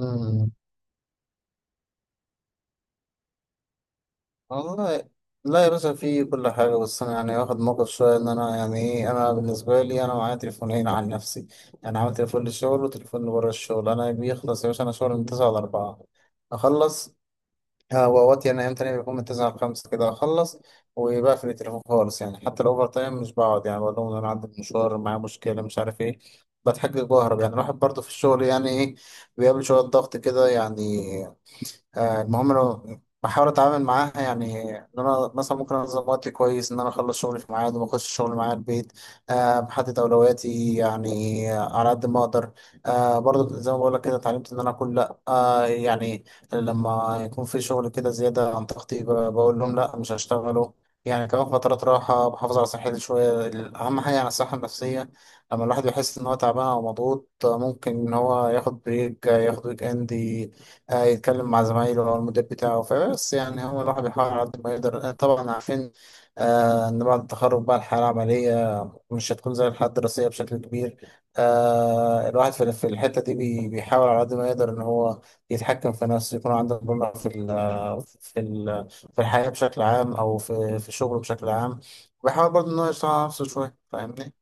مم. والله لا يا باشا، في كل حاجة. بس أنا يعني واخد موقف شوية، إن أنا يعني إيه، أنا بالنسبة لي أنا معايا تليفونين عن نفسي، يعني عامل تليفون للشغل وتليفون لبره الشغل. أنا بيخلص يا باشا، أنا شغل من 9 ل4 أخلص. ها، وأوقات يعني أيام تانية بيكون من 9 ل5 كده أخلص وبقفل التليفون خالص. يعني حتى الأوفر تايم مش بقعد، يعني بقول لهم إن أنا عندي مشوار، معايا مشكلة، مش عارف إيه، بتحجج وأهرب. يعني الواحد برضه في الشغل يعني إيه، بيقابل شوية ضغط كده يعني. المهم انا بحاول اتعامل معاها، يعني ان انا مثلا ممكن انظم وقتي كويس، ان انا اخلص شغلي في ميعاد وما اخش شغل معايا البيت. أه بحدد اولوياتي يعني على قد ما اقدر. أه برضو زي ما بقول لك كده، اتعلمت ان انا اقول لا. أه يعني لما يكون في شغل كده زياده عن طاقتي، بقول لهم لا مش هشتغله. يعني كمان فترات راحة بحافظ على صحتي شوية، أهم حاجة يعني الصحة النفسية. لما الواحد يحس إن هو تعبان أو مضغوط، ممكن إن هو ياخد بريك، ياخد ويك إند، هيتكلم مع زمايله او المدير بتاعه. فبس يعني هو الواحد بيحاول على قد ما يقدر. طبعا عارفين آه، ان بعد التخرج بقى الحياه العمليه مش هتكون زي الحياه الدراسيه بشكل كبير. آه الواحد في الحته دي بيحاول على قد ما يقدر ان هو يتحكم في نفسه، يكون عنده مرونه في ال في ال في الحياه بشكل عام، او في شغله بشكل عام. بيحاول برضه ان هو يشتغل على نفسه شويه. فاهمني؟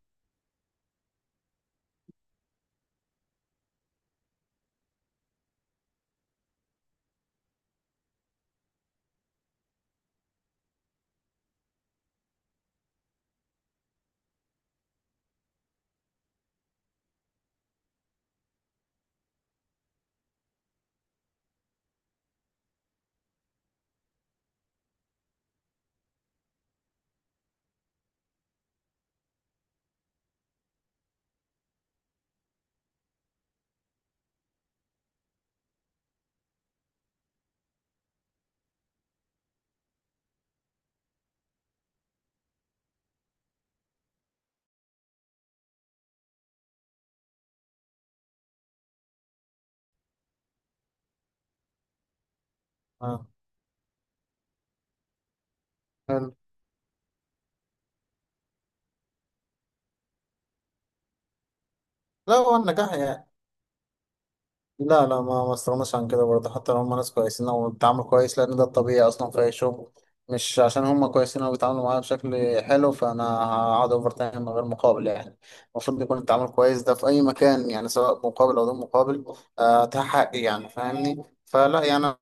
اه حلو. لا هو النجاح يعني، لا، ما استغناش عن كده برضه، حتى لو هم ناس كويسين او بيتعاملوا كويس، لان ده الطبيعي اصلا في اي شغل. مش عشان هم كويسين او بيتعاملوا معايا بشكل حلو فانا هقعد اوفر تايم من غير مقابل يعني. المفروض يكون التعامل كويس ده في اي مكان، يعني سواء مقابل او دون مقابل. آه، ده حقي يعني. فاهمني؟ فلا يعني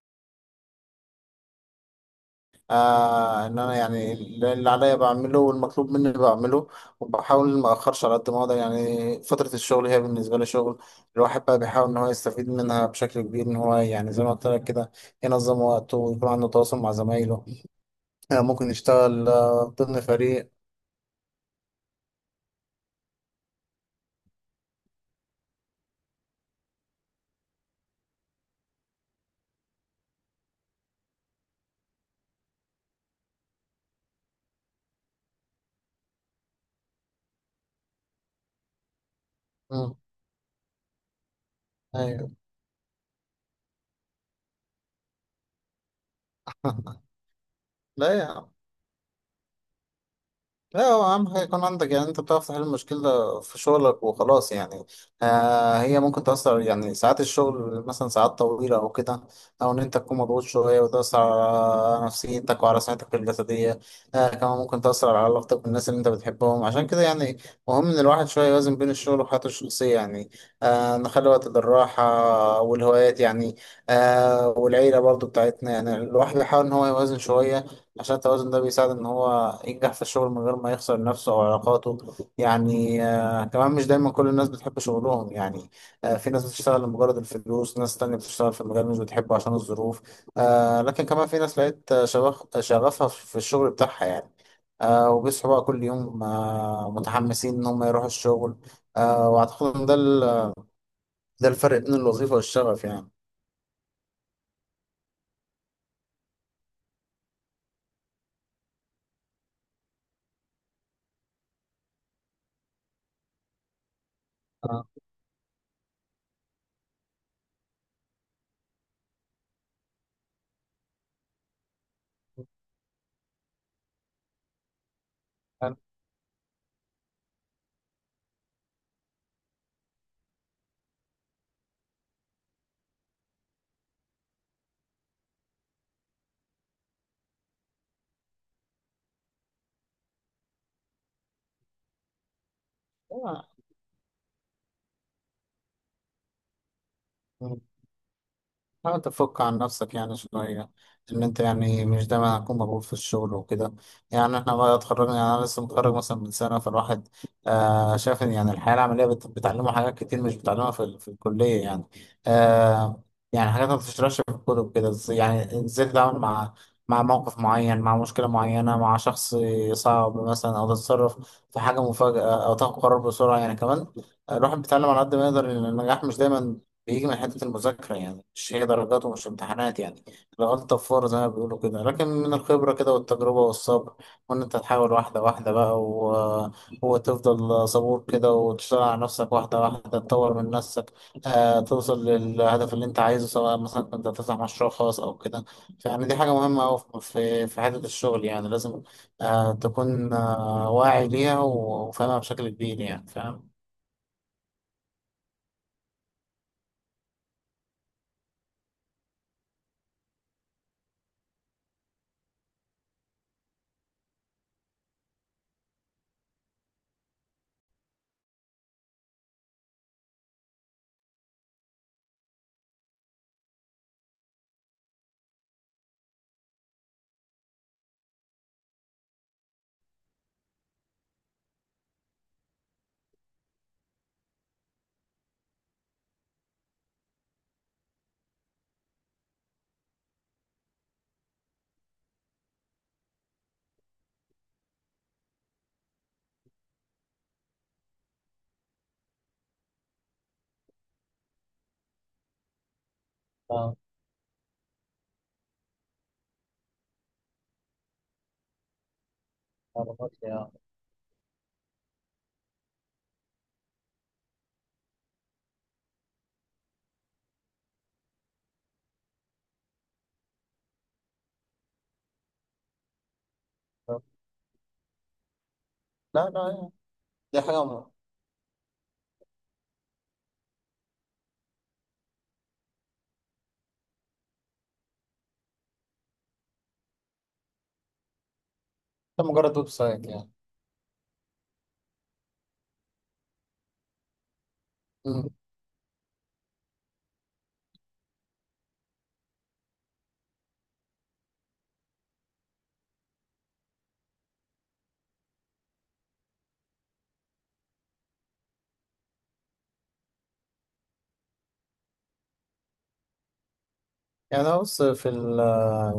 آه، ان انا يعني اللي عليا بعمله والمطلوب مني بعمله، وبحاول ما اخرش على قد ما اقدر. يعني فتره الشغل هي بالنسبه لي شغل، الواحد بقى بيحاول ان هو يستفيد منها بشكل كبير، ان هو يعني زي ما قلت لك كده ينظم وقته ويكون عنده تواصل مع زمايله. آه ممكن يشتغل آه ضمن فريق. مم. ايوه. لا يا عم. لا هو أهم حاجة يكون عندك، يعني أنت بتعرف تحل المشكلة في شغلك وخلاص يعني. آه هي ممكن تأثر، يعني ساعات الشغل مثلا ساعات طويلة أو كده، أو إن أنت تكون مضغوط شوية وتأثر على نفسيتك وعلى صحتك الجسدية. آه كمان ممكن تأثر على علاقتك بالناس اللي أنت بتحبهم. عشان كده يعني مهم إن الواحد شوية يوازن بين الشغل وحياته الشخصية يعني. آه نخلي وقت للراحة والهوايات يعني، آه والعيلة برضو بتاعتنا. يعني الواحد يحاول إن هو يوازن شوية، عشان التوازن ده بيساعد ان هو ينجح في الشغل من غير ما يخسر نفسه او علاقاته يعني. آه كمان مش دايما كل الناس بتحب شغلهم يعني. آه في ناس بتشتغل لمجرد الفلوس، ناس تانية بتشتغل في المجال مش بتحبه عشان الظروف. آه لكن كمان في ناس لقيت آه، شغفها في الشغل بتاعها يعني. آه وبيصحوا بقى كل يوم آه متحمسين ان هم يروحوا الشغل. آه واعتقد ان ده الفرق بين الوظيفة والشغف يعني. آه. آه. حاول تفك عن نفسك يعني شوية، إن أنت يعني مش دايما هتكون مضغوط في الشغل وكده. يعني إحنا بقى اتخرجنا، يعني أنا لسه متخرج مثلا من سنة. فالواحد آه شايف إن يعني الحياة العملية بتعلمه حاجات كتير مش بتعلمها في الكلية يعني. آه يعني حاجات ما بتشتغلش في الكتب كده، يعني إزاي تتعامل مع مع موقف معين، مع مشكلة معينة، مع شخص صعب مثلا، أو تتصرف في حاجة مفاجأة، أو تاخد قرار بسرعة يعني. كمان الواحد بيتعلم على قد ما يقدر إن النجاح مش دايما بيجي من حتة المذاكرة يعني، مش هي درجات ومش امتحانات يعني. الغلطة في فور زي ما بيقولوا كده، لكن من الخبرة كده والتجربة والصبر، وإن أنت تحاول واحدة واحدة بقى وتفضل صبور كده وتشتغل على نفسك واحدة واحدة، تطور من نفسك، آه توصل للهدف اللي أنت عايزه، سواء مثلا كنت هتفتح مشروع خاص أو كده. يعني دي حاجة مهمة أوي في حتة الشغل يعني. لازم آه تكون آه واعي ليها وفاهمها بشكل كبير يعني. فاهم؟ اه معلومات يا. لا لا دي حاجة ده مجرد ويب سايت يعني. مم. يعني أنا بص في ال،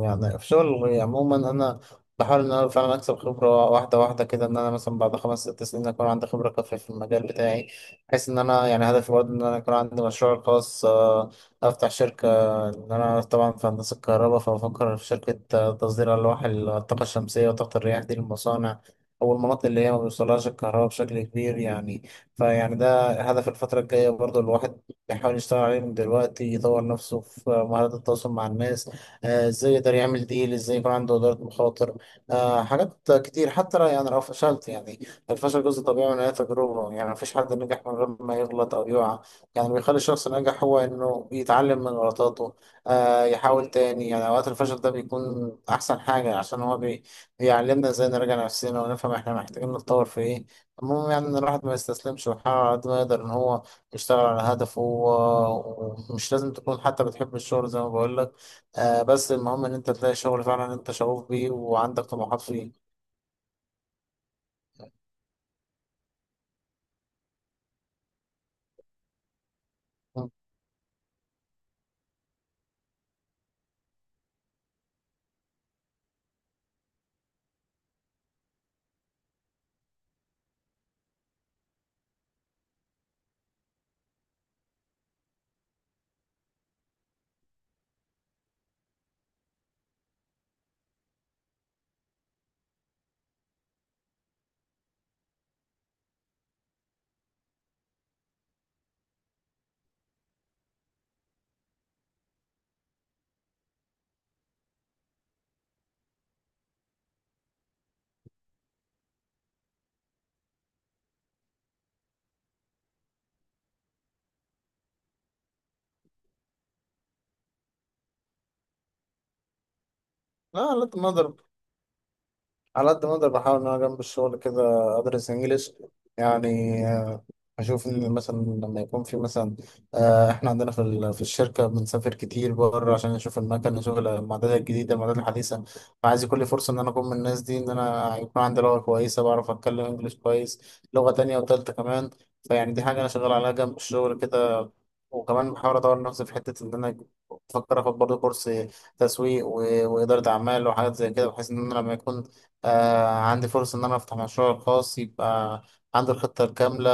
يعني في شغل عموما، أنا بحاول إن أنا فعلا أكسب خبرة واحدة واحدة كده، إن أنا مثلا بعد 5 6 سنين أكون عندي خبرة كافية في المجال بتاعي، بحيث إن أنا يعني هدفي برضه إن أنا يكون عندي مشروع خاص. آه، أفتح شركة، إن أنا طبعا في هندسة الكهرباء. فبفكر في شركة آه، تصدير ألواح الطاقة الشمسية وطاقة الرياح دي للمصانع أو المناطق اللي هي ما بيوصلهاش الكهرباء بشكل كبير يعني. فيعني ده هدف الفترة الجاية برضو. الواحد بيحاول يشتغل عليه من دلوقتي، يطور نفسه في مهارات التواصل مع الناس، آه، ازاي يقدر يعمل ديل، ازاي يكون عنده إدارة مخاطر. آه، حاجات كتير. حتى يعني لو فشلت يعني، الفشل جزء طبيعي من أي تجربة. يعني مفيش حد نجح من غير ما يغلط أو يقع. يعني اللي بيخلي الشخص ناجح هو إنه يتعلم من غلطاته، آه، يحاول تاني. يعني أوقات الفشل ده بيكون أحسن حاجة عشان هو بيعلمنا ازاي نراجع نفسنا ونفهم احنا محتاجين نتطور في ايه. المهم يعني إن الواحد ما يستسلمش ويحاول على قد ما يقدر إن هو يشتغل على هدفه ومش لازم تكون حتى بتحب الشغل زي ما بقول لك. آه بس المهم ان انت تلاقي شغل فعلا انت شغوف بيه وعندك طموحات فيه. لا على قد ما اقدر، على قد ما اقدر بحاول ان انا جنب الشغل كده ادرس انجليش يعني. آه، اشوف ان مثلا لما يكون في مثلا، آه، احنا عندنا في الشركه بنسافر كتير بره عشان نشوف المكان، نشوف المعدات الجديده، المعدات الحديثه. فعايز كل فرصه ان انا اكون من الناس دي، ان انا يكون عندي لغه كويسه، بعرف اتكلم انجليش كويس، لغه تانية وتالتة كمان. فيعني دي حاجه انا شغال عليها جنب الشغل كده. وكمان بحاول اطور نفسي في حته ان انا بفكر اخد برضه كورس تسويق واداره اعمال وحاجات زي كده، بحيث ان انا لما يكون آه عندي فرصة إن أنا أفتح مشروع خاص، يبقى عندي الخطة الكاملة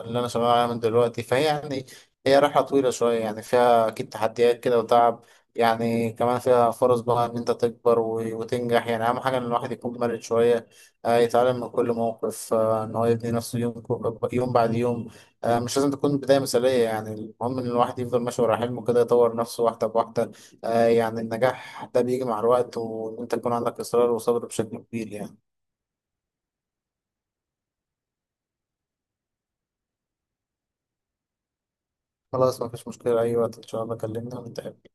اللي أنا شغال عليها من دلوقتي. فهي يعني هي رحلة طويلة شوية، يعني فيها أكيد تحديات كده وتعب، يعني كمان فيها فرص بقى إن أنت تكبر وتنجح. يعني أهم حاجة إن الواحد يكون مرن شوية، آه يتعلم من كل موقف، آه إن هو يبني نفسه يوم يوم بعد يوم. آه مش لازم تكون بداية مثالية، يعني المهم إن الواحد يفضل ماشي ورا حلمه كده، يطور نفسه واحدة بواحدة. آه يعني النجاح ده بيجي مع الوقت، وإن أنت يكون عندك إصرار وصبر بشكل كبير يعني. خلاص مفيش مشكلة، أي وقت إن شاء الله كلمنا ونتقابل.